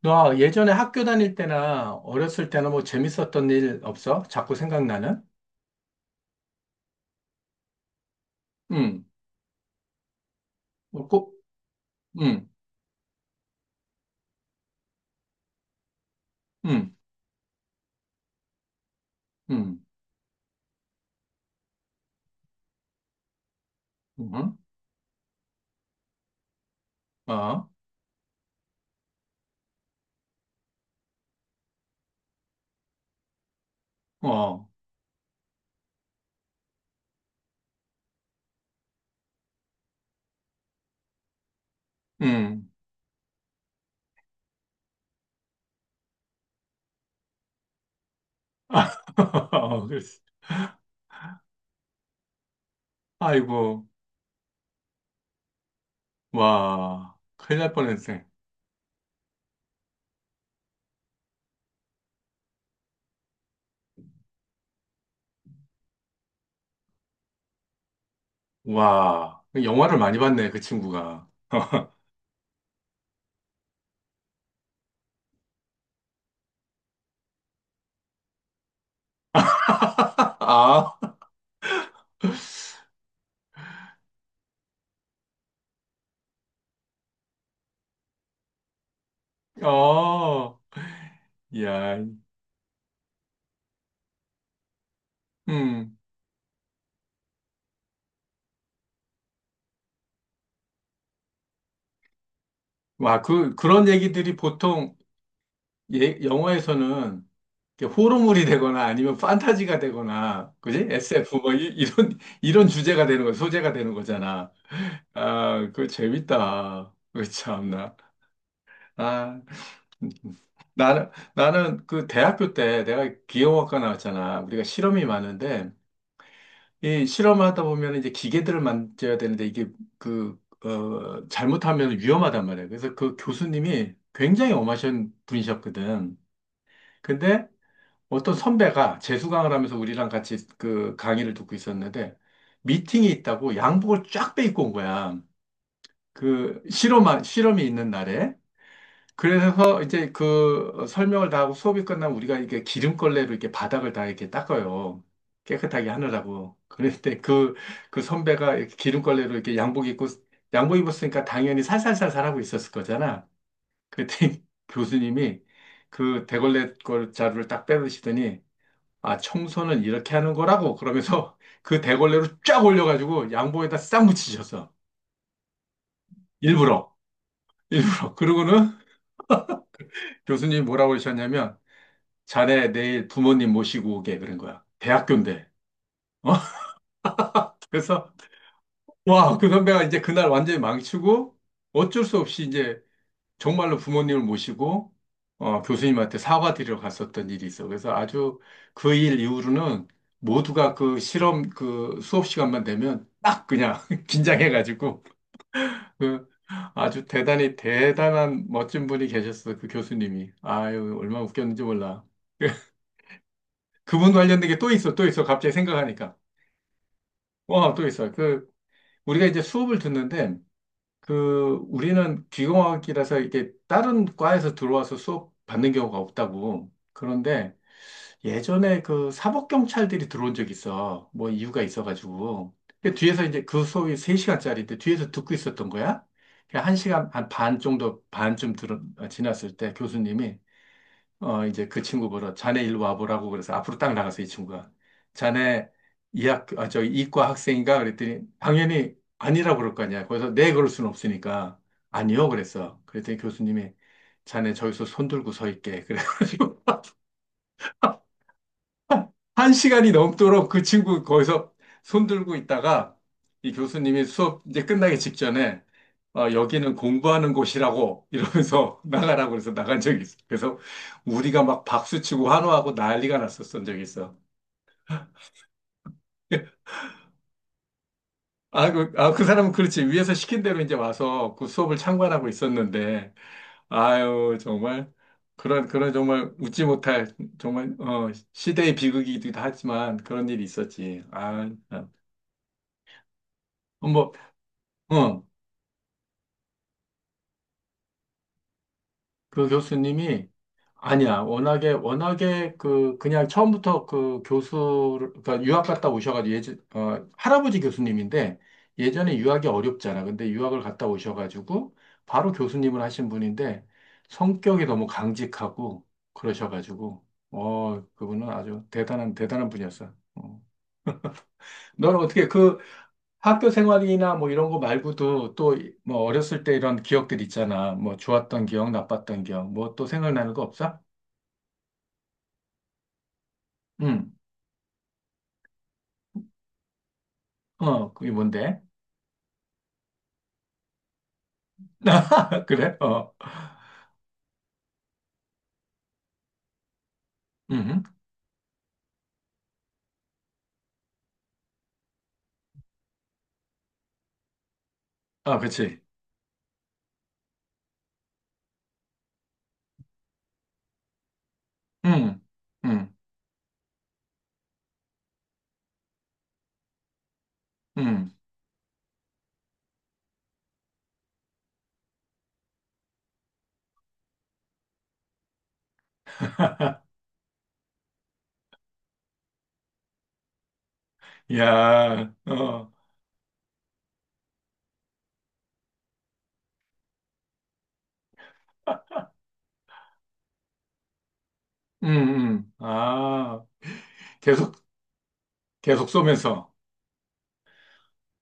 너 예전에 학교 다닐 때나 어렸을 때나 뭐 재밌었던 일 없어? 자꾸 생각나는? 응, 뭐 꼭, 응, 응, 응, 응, 어, 어, 응. 그랬어. 아이고, 와, 큰일 날 뻔했네. 와, 영화를 많이 봤네, 그 친구가. 아, 어, 야, 음, 와, 그런 얘기들이 보통, 예, 영화에서는 이렇게 호러물이 되거나 아니면 판타지가 되거나, 그지? SF 뭐 이, 이런 이런 주제가 되는 거, 소재가 되는 거잖아. 아, 그 재밌다. 그 참나. 아, 나는 그 대학교 때 내가 기계공학과 나왔잖아. 우리가 실험이 많은데 이 실험하다 보면 이제 기계들을 만져야 되는데 이게 그 잘못하면 위험하단 말이야. 그래서 그 교수님이 굉장히 엄하신 분이셨거든. 근데 어떤 선배가 재수강을 하면서 우리랑 같이 그 강의를 듣고 있었는데 미팅이 있다고 양복을 쫙 빼입고 온 거야. 그 실험한 실험이 있는 날에. 그래서 이제 그 설명을 다 하고 수업이 끝나면 우리가 이게 기름걸레로 이렇게 바닥을 다 이렇게 닦아요. 깨끗하게 하느라고. 그런데 그, 그 선배가 이렇게 기름걸레로 이렇게 양복 입고, 양복 입었으니까 당연히 살살살살 하고 있었을 거잖아. 그랬더니 교수님이 그 대걸레 걸 자루를 딱 빼드시더니 아, 청소는 이렇게 하는 거라고. 그러면서 그 대걸레로 쫙 올려가지고 양복에다 싹 묻히셨어. 일부러. 일부러. 그러고는 교수님이 뭐라고 그러셨냐면, 자네 내일 부모님 모시고 오게. 그런 거야. 대학교인데. 어? 그래서, 와, 그 선배가 이제 그날 완전히 망치고, 어쩔 수 없이 이제 정말로 부모님을 모시고, 어, 교수님한테 사과드리러 갔었던 일이 있어. 그래서 아주 그 일 이후로는 모두가 그 실험, 그 수업 시간만 되면 딱 그냥 긴장해가지고, 그 아주 대단히 대단한 멋진 분이 계셨어, 그 교수님이. 아유, 얼마나 웃겼는지 몰라. 그분 관련된 게 또 있어, 또 있어. 갑자기 생각하니까. 와, 또 있어. 그, 우리가 이제 수업을 듣는데, 그, 우리는 귀공학이라서 이렇게 다른 과에서 들어와서 수업 받는 경우가 없다고. 그런데 예전에 그 사법경찰들이 들어온 적이 있어. 뭐 이유가 있어가지고. 그 뒤에서 이제 그 소위 3시간짜리인데 뒤에서 듣고 있었던 거야. 한 시간 한 반 정도, 반쯤 지났을 때 교수님이, 어, 이제 그 친구 보러, 자네 일로 와보라고 그래서 앞으로 딱 나가서 이 친구가. 자네 이 학, 아, 저 이과 학생인가? 그랬더니 당연히 아니라고 그럴 거 아니야. 거기서 네, 그럴 수는 없으니까. 아니요, 그랬어. 그랬더니 교수님이 자네 저기서 손 들고 서 있게. 그래가지고. 한 시간이 넘도록 그 친구 거기서 손 들고 있다가 이 교수님이 수업 이제 끝나기 직전에 어, 여기는 공부하는 곳이라고 이러면서 나가라고 그래서 나간 적이 있어. 그래서 우리가 막 박수치고 환호하고 난리가 났었던 적이 있어. 아, 그, 아, 그 사람은 그렇지. 위에서 시킨 대로 이제 와서 그 수업을 참관하고 있었는데, 아유, 정말, 그런, 그런 정말 웃지 못할, 정말, 어, 시대의 비극이기도 하지만 그런 일이 있었지. 아, 참. 어, 뭐, 어. 그 교수님이 아니야. 워낙에 워낙에 그 그냥 처음부터 그 교수 그러니까 유학 갔다 오셔가지고 예전 할아버지 교수님인데 예전에 유학이 어렵잖아. 근데 유학을 갔다 오셔가지고 바로 교수님을 하신 분인데 성격이 너무 강직하고 그러셔가지고 어 그분은 아주 대단한 대단한 분이었어. 어. 너는 어떻게 그 학교 생활이나 뭐 이런 거 말고도 또 뭐 어렸을 때 이런 기억들 있잖아. 뭐 좋았던 기억, 나빴던 기억, 뭐 또 생각나는 거 없어? 응, 어, 그게 뭔데? 그래? 어, 음, 아, 그치. 응, 응, 응. 야, 어, 응, 응. 아, 계속, 계속 쏘면서.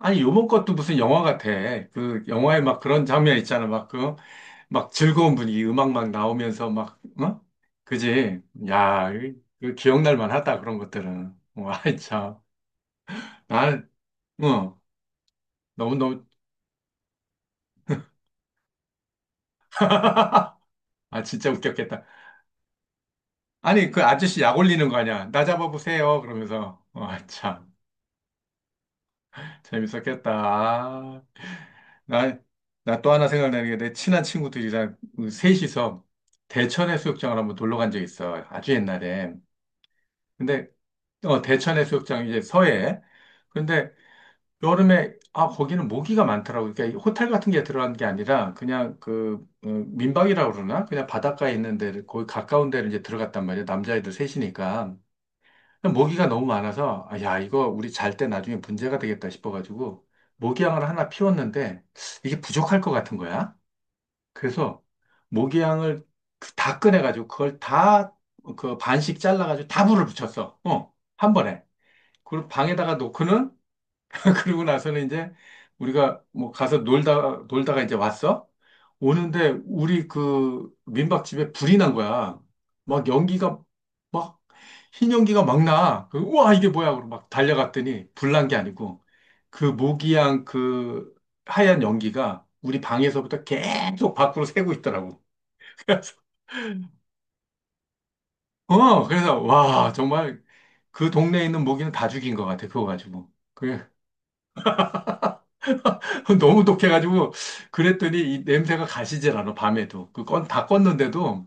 아니, 요번 것도 무슨 영화 같아. 그, 영화에 막 그런 장면 있잖아. 막 그, 막 즐거운 분위기, 음악 막 나오면서 막, 어? 그지? 야, 그, 그 기억날 만하다. 그런 것들은. 와, 참. 난, 어, 너무너무. 아, 진짜 웃겼겠다. 아니, 그 아저씨 약 올리는 거 아니야. 나 잡아보세요. 그러면서. 와, 참. 재밌었겠다. 아, 나, 나 또 하나 생각나는 게 내 친한 친구들이랑 그 셋이서 대천 해수욕장을 한번 놀러 간 적이 있어. 아주 옛날에. 근데, 어, 대천 해수욕장 이제 서해. 근데 여름에, 아, 거기는 모기가 많더라고. 그러니까 이 호텔 같은 게 들어간 게 아니라 그냥 그, 어, 민박이라고 그러나? 그냥 바닷가에 있는 데, 거기 가까운 데를 이제 들어갔단 말이야. 남자애들 셋이니까. 모기가 너무 많아서 아, 야 이거 우리 잘 때 나중에 문제가 되겠다 싶어가지고 모기향을 하나 피웠는데 이게 부족할 것 같은 거야. 그래서 모기향을 다 꺼내가지고 그걸 다 그 반씩 잘라가지고 다 불을 붙였어. 어, 한 번에. 그리고 방에다가 놓고는 그리고 나서는 이제 우리가 뭐 가서 놀다가 이제 왔어? 오는데 우리 그 민박집에 불이 난 거야. 막 연기가 막 흰 연기가 막 나. 그, 우와, 이게 뭐야. 그러고 막 달려갔더니 불난 게 아니고 그 모기향 그 하얀 연기가 우리 방에서부터 계속 밖으로 새고 있더라고. 그래서, 어, 그래서 와, 정말 그 동네에 있는 모기는 다 죽인 것 같아. 그거 가지고. 그 너무 독해가지고 그랬더니 이 냄새가 가시질 않아 밤에도 그 건 다 껐는데도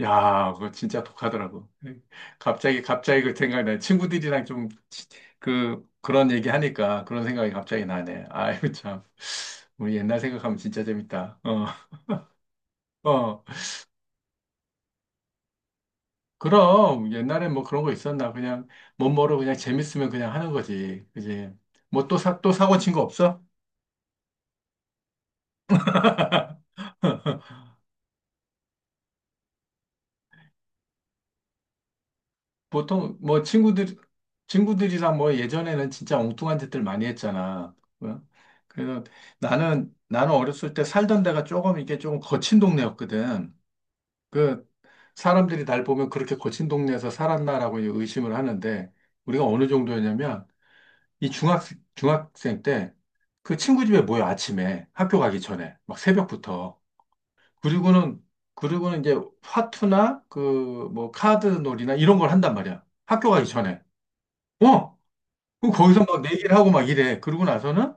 야 그거 진짜 독하더라고 갑자기 갑자기 그 생각나 친구들이랑 좀 그 그런 얘기 하니까 그런 생각이 갑자기 나네 아이고 참 우리 옛날 생각하면 진짜 재밌다 어 어. 그럼 옛날에 뭐 그런 거 있었나 그냥 못 모르고 그냥 재밌으면 그냥 하는 거지 그지 뭐 또 사고 친 거 없어? 보통 뭐 친구들이랑 뭐 예전에는 진짜 엉뚱한 짓들 많이 했잖아. 뭐, 그래서 나는 어렸을 때 살던 데가 조금 이게 조금 거친 동네였거든. 그 사람들이 날 보면 그렇게 거친 동네에서 살았나라고 이제 의심을 하는데 우리가 어느 정도였냐면 이 중학생 때 그 친구 집에 모여 아침에 학교 가기 전에 막 새벽부터 그리고는 그리고는 이제 화투나 그 뭐 카드 놀이나 이런 걸 한단 말이야. 학교 가기 전에. 어? 그 거기서 막 내기를 하고 막 이래. 그러고 나서는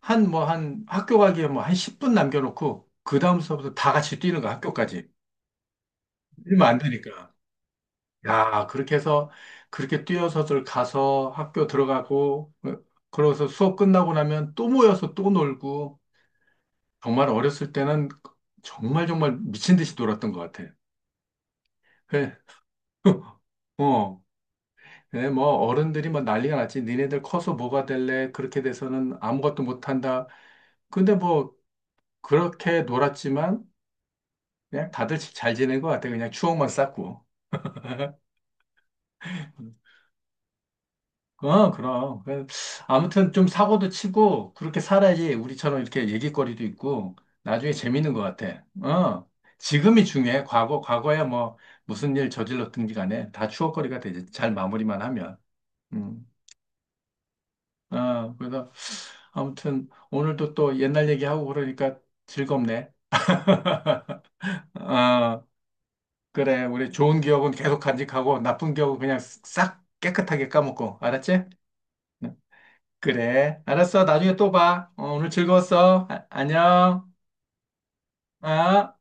한 뭐 한 학교 가기에 뭐 한 10분 남겨놓고 그 다음 수업부터 다 같이 뛰는 거야 학교까지. 이러면 안 되니까. 야 그렇게 해서 그렇게 뛰어서들 가서 학교 들어가고 어, 그러고서 수업 끝나고 나면 또 모여서 또 놀고 정말 어렸을 때는 정말 정말 미친 듯이 놀았던 것 같아. 그 어. 네, 뭐, 어른들이 뭐 난리가 났지. 니네들 커서 뭐가 될래? 그렇게 돼서는 아무것도 못한다. 근데 뭐, 그렇게 놀았지만 그냥 다들 잘 지낸 것 같아. 그냥 추억만 쌓고. 어, 그럼. 그, 아무튼 좀 사고도 치고 그렇게 살아야지 우리처럼 이렇게 얘기거리도 있고 나중에 재밌는 것 같아. 어. 지금이 중요해. 과거, 과거야 뭐 무슨 일 저질렀든지 간에 다 추억거리가 되지. 잘 마무리만 하면. 음. 어, 그래서 아무튼 오늘도 또 옛날 얘기하고 그러니까 즐겁네. 어. 그래, 우리 좋은 기억은 계속 간직하고 나쁜 기억은 그냥 싹 깨끗하게 까먹고, 알았지? 그래, 알았어. 나중에 또 봐. 어, 오늘 즐거웠어. 아- 안녕. 아.